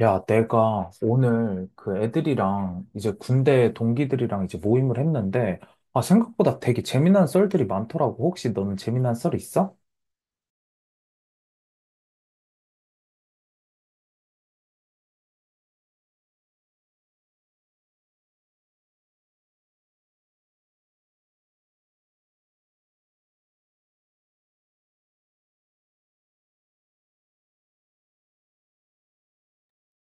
야, 내가 오늘 그 애들이랑 이제 군대 동기들이랑 이제 모임을 했는데, 아, 생각보다 되게 재미난 썰들이 많더라고. 혹시 너는 재미난 썰 있어?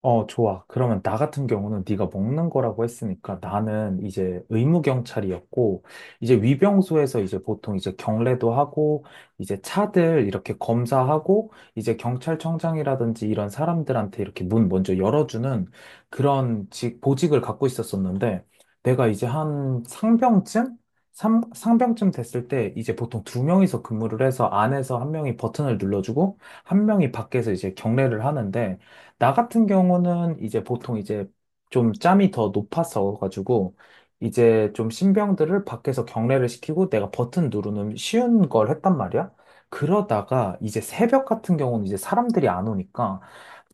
어, 좋아. 그러면 나 같은 경우는 네가 먹는 거라고 했으니까, 나는 이제 의무 경찰이었고, 이제 위병소에서 이제 보통 이제 경례도 하고, 이제 차들 이렇게 검사하고, 이제 경찰청장이라든지 이런 사람들한테 이렇게 문 먼저 열어주는 그런 직 보직을 갖고 있었었는데, 내가 이제 한 상병쯤, 상병쯤 됐을 때, 이제 보통 2명이서 근무를 해서, 안에서 한 명이 버튼을 눌러주고 한 명이 밖에서 이제 경례를 하는데, 나 같은 경우는 이제 보통 이제 좀 짬이 더 높아서 가지고 이제 좀 신병들을 밖에서 경례를 시키고, 내가 버튼 누르는 쉬운 걸 했단 말이야. 그러다가 이제 새벽 같은 경우는 이제 사람들이 안 오니까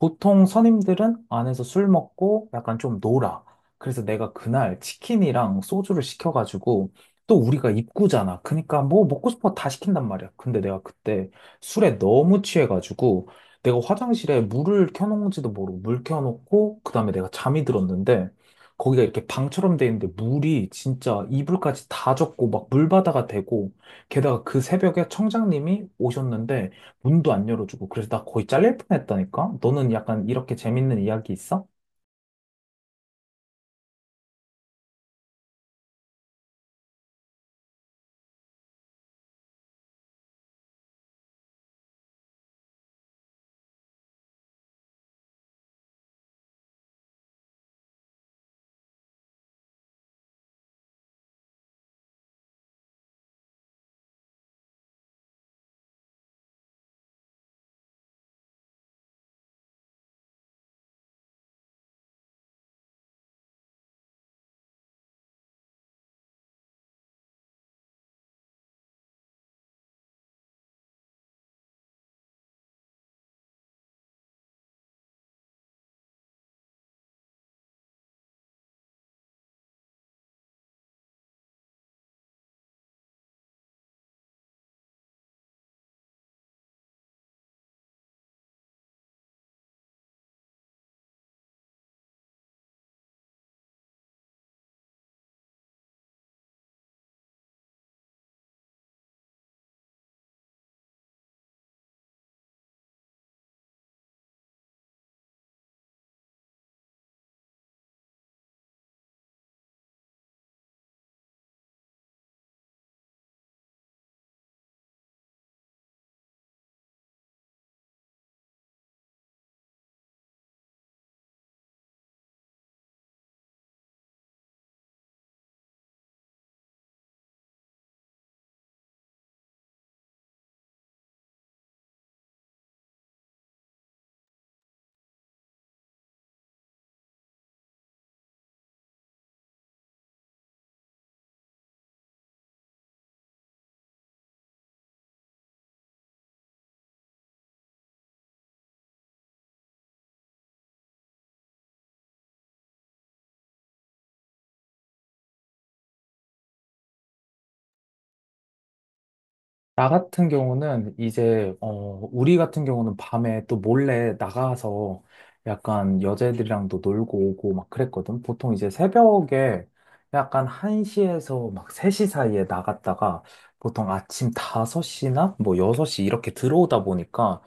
보통 선임들은 안에서 술 먹고 약간 좀 놀아. 그래서 내가 그날 치킨이랑 소주를 시켜가지고, 또 우리가 입구잖아. 그러니까 뭐 먹고 싶은 거 다 시킨단 말이야. 근데 내가 그때 술에 너무 취해가지고, 내가 화장실에 물을 켜놓은지도 모르고 물 켜놓고, 그다음에 내가 잠이 들었는데, 거기가 이렇게 방처럼 돼 있는데 물이 진짜 이불까지 다 젖고 막 물바다가 되고, 게다가 그 새벽에 청장님이 오셨는데 문도 안 열어주고, 그래서 나 거의 잘릴 뻔했다니까? 너는 약간 이렇게 재밌는 이야기 있어? 나 같은 경우는 이제 우리 같은 경우는 밤에 또 몰래 나가서 약간 여자애들이랑도 놀고 오고 막 그랬거든. 보통 이제 새벽에 약간 1시에서 막 3시 사이에 나갔다가 보통 아침 5시나 뭐 6시 이렇게 들어오다 보니까,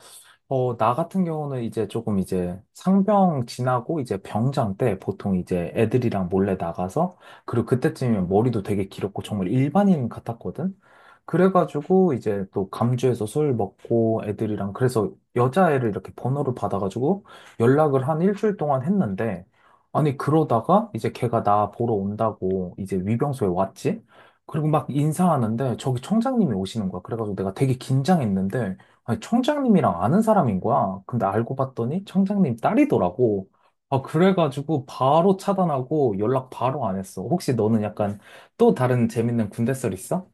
나 같은 경우는 이제 조금 이제 상병 지나고 이제 병장 때 보통 이제 애들이랑 몰래 나가서, 그리고 그때쯤이면 머리도 되게 길었고 정말 일반인 같았거든. 그래가지고 이제 또 감주에서 술 먹고 애들이랑, 그래서 여자애를 이렇게 번호를 받아가지고 연락을 한 일주일 동안 했는데, 아니 그러다가 이제 걔가 나 보러 온다고 이제 위병소에 왔지. 그리고 막 인사하는데 저기 청장님이 오시는 거야. 그래가지고 내가 되게 긴장했는데, 아니, 청장님이랑 아는 사람인 거야. 근데 알고 봤더니 청장님 딸이더라고. 아, 그래가지고 바로 차단하고 연락 바로 안 했어. 혹시 너는 약간 또 다른 재밌는 군대 썰 있어?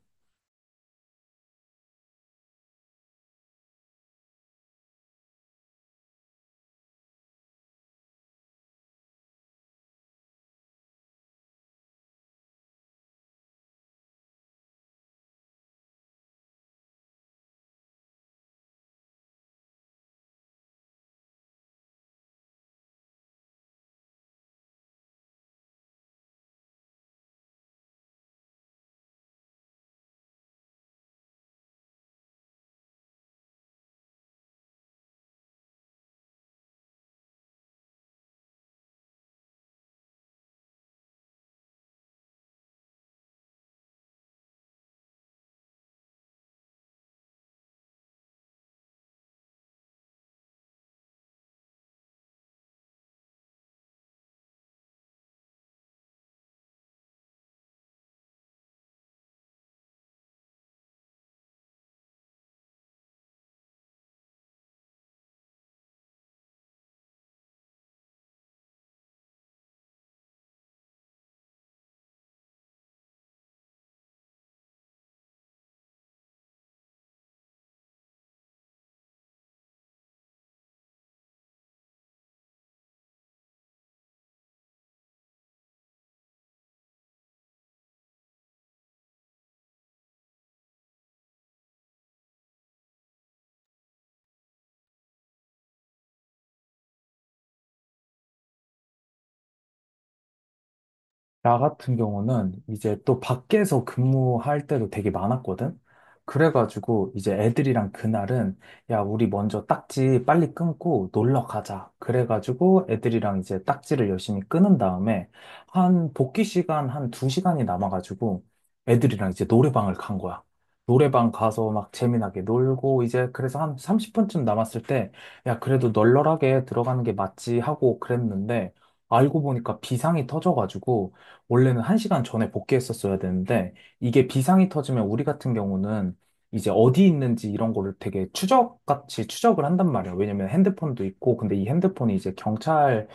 나 같은 경우는 이제 또 밖에서 근무할 때도 되게 많았거든? 그래가지고 이제 애들이랑 그날은, 야, 우리 먼저 딱지 빨리 끊고 놀러 가자. 그래가지고 애들이랑 이제 딱지를 열심히 끊은 다음에, 한 복귀 시간 한 2시간이 남아가지고 애들이랑 이제 노래방을 간 거야. 노래방 가서 막 재미나게 놀고 이제, 그래서 한 30분쯤 남았을 때, 야, 그래도 널널하게 들어가는 게 맞지 하고 그랬는데, 알고 보니까 비상이 터져가지고. 원래는 1시간 전에 복귀했었어야 되는데, 이게 비상이 터지면 우리 같은 경우는 이제 어디 있는지 이런 거를 되게 추적같이 추적을 한단 말이야. 왜냐면 핸드폰도 있고, 근데 이 핸드폰이 이제 경찰이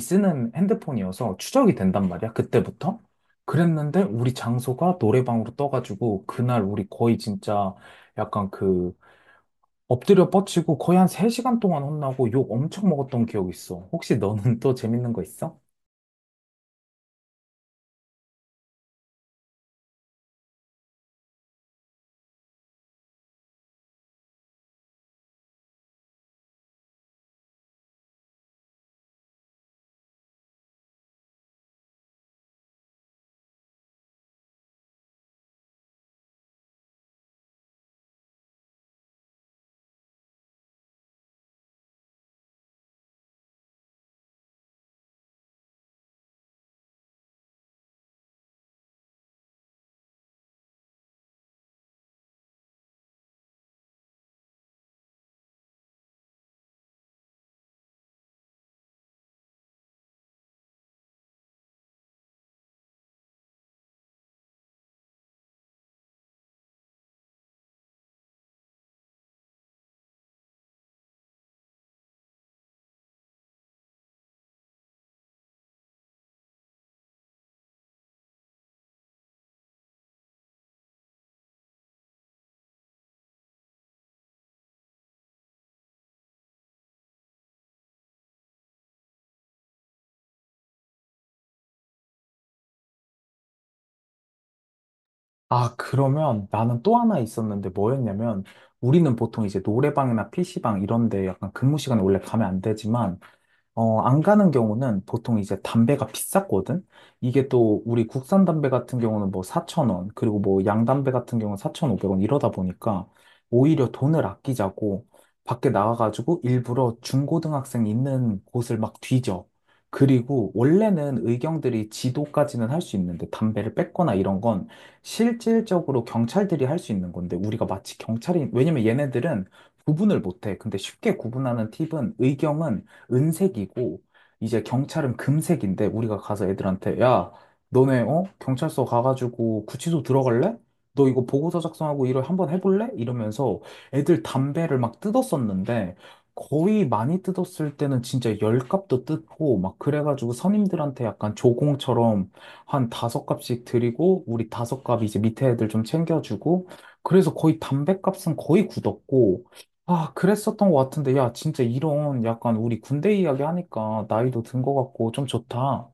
쓰는 핸드폰이어서 추적이 된단 말이야, 그때부터. 그랬는데, 우리 장소가 노래방으로 떠가지고, 그날 우리 거의 진짜 약간 그, 엎드려 뻗치고 거의 한 3시간 동안 혼나고 욕 엄청 먹었던 기억이 있어. 혹시 너는 또 재밌는 거 있어? 아, 그러면 나는 또 하나 있었는데, 뭐였냐면 우리는 보통 이제 노래방이나 PC방 이런 데 약간 근무 시간에 원래 가면 안 되지만, 안 가는 경우는 보통 이제 담배가 비쌌거든? 이게 또 우리 국산 담배 같은 경우는 뭐 4,000원, 그리고 뭐 양담배 같은 경우는 4,500원, 이러다 보니까 오히려 돈을 아끼자고 밖에 나가가지고 일부러 중고등학생 있는 곳을 막 뒤져. 그리고 원래는 의경들이 지도까지는 할 수 있는데, 담배를 뺏거나 이런 건 실질적으로 경찰들이 할 수 있는 건데, 우리가 마치 경찰이, 왜냐면 얘네들은 구분을 못해. 근데 쉽게 구분하는 팁은, 의경은 은색이고 이제 경찰은 금색인데, 우리가 가서 애들한테, 야, 너네 경찰서 가가지고 구치소 들어갈래? 너 이거 보고서 작성하고 일을 한번 해볼래? 이러면서 애들 담배를 막 뜯었었는데, 거의 많이 뜯었을 때는 진짜 10갑도 뜯고 막, 그래가지고 선임들한테 약간 조공처럼 한 5갑씩 드리고, 우리 5갑 이제 밑에 애들 좀 챙겨주고, 그래서 거의 담배 값은 거의 굳었고. 아, 그랬었던 것 같은데, 야, 진짜 이런 약간 우리 군대 이야기 하니까 나이도 든 것 같고 좀 좋다.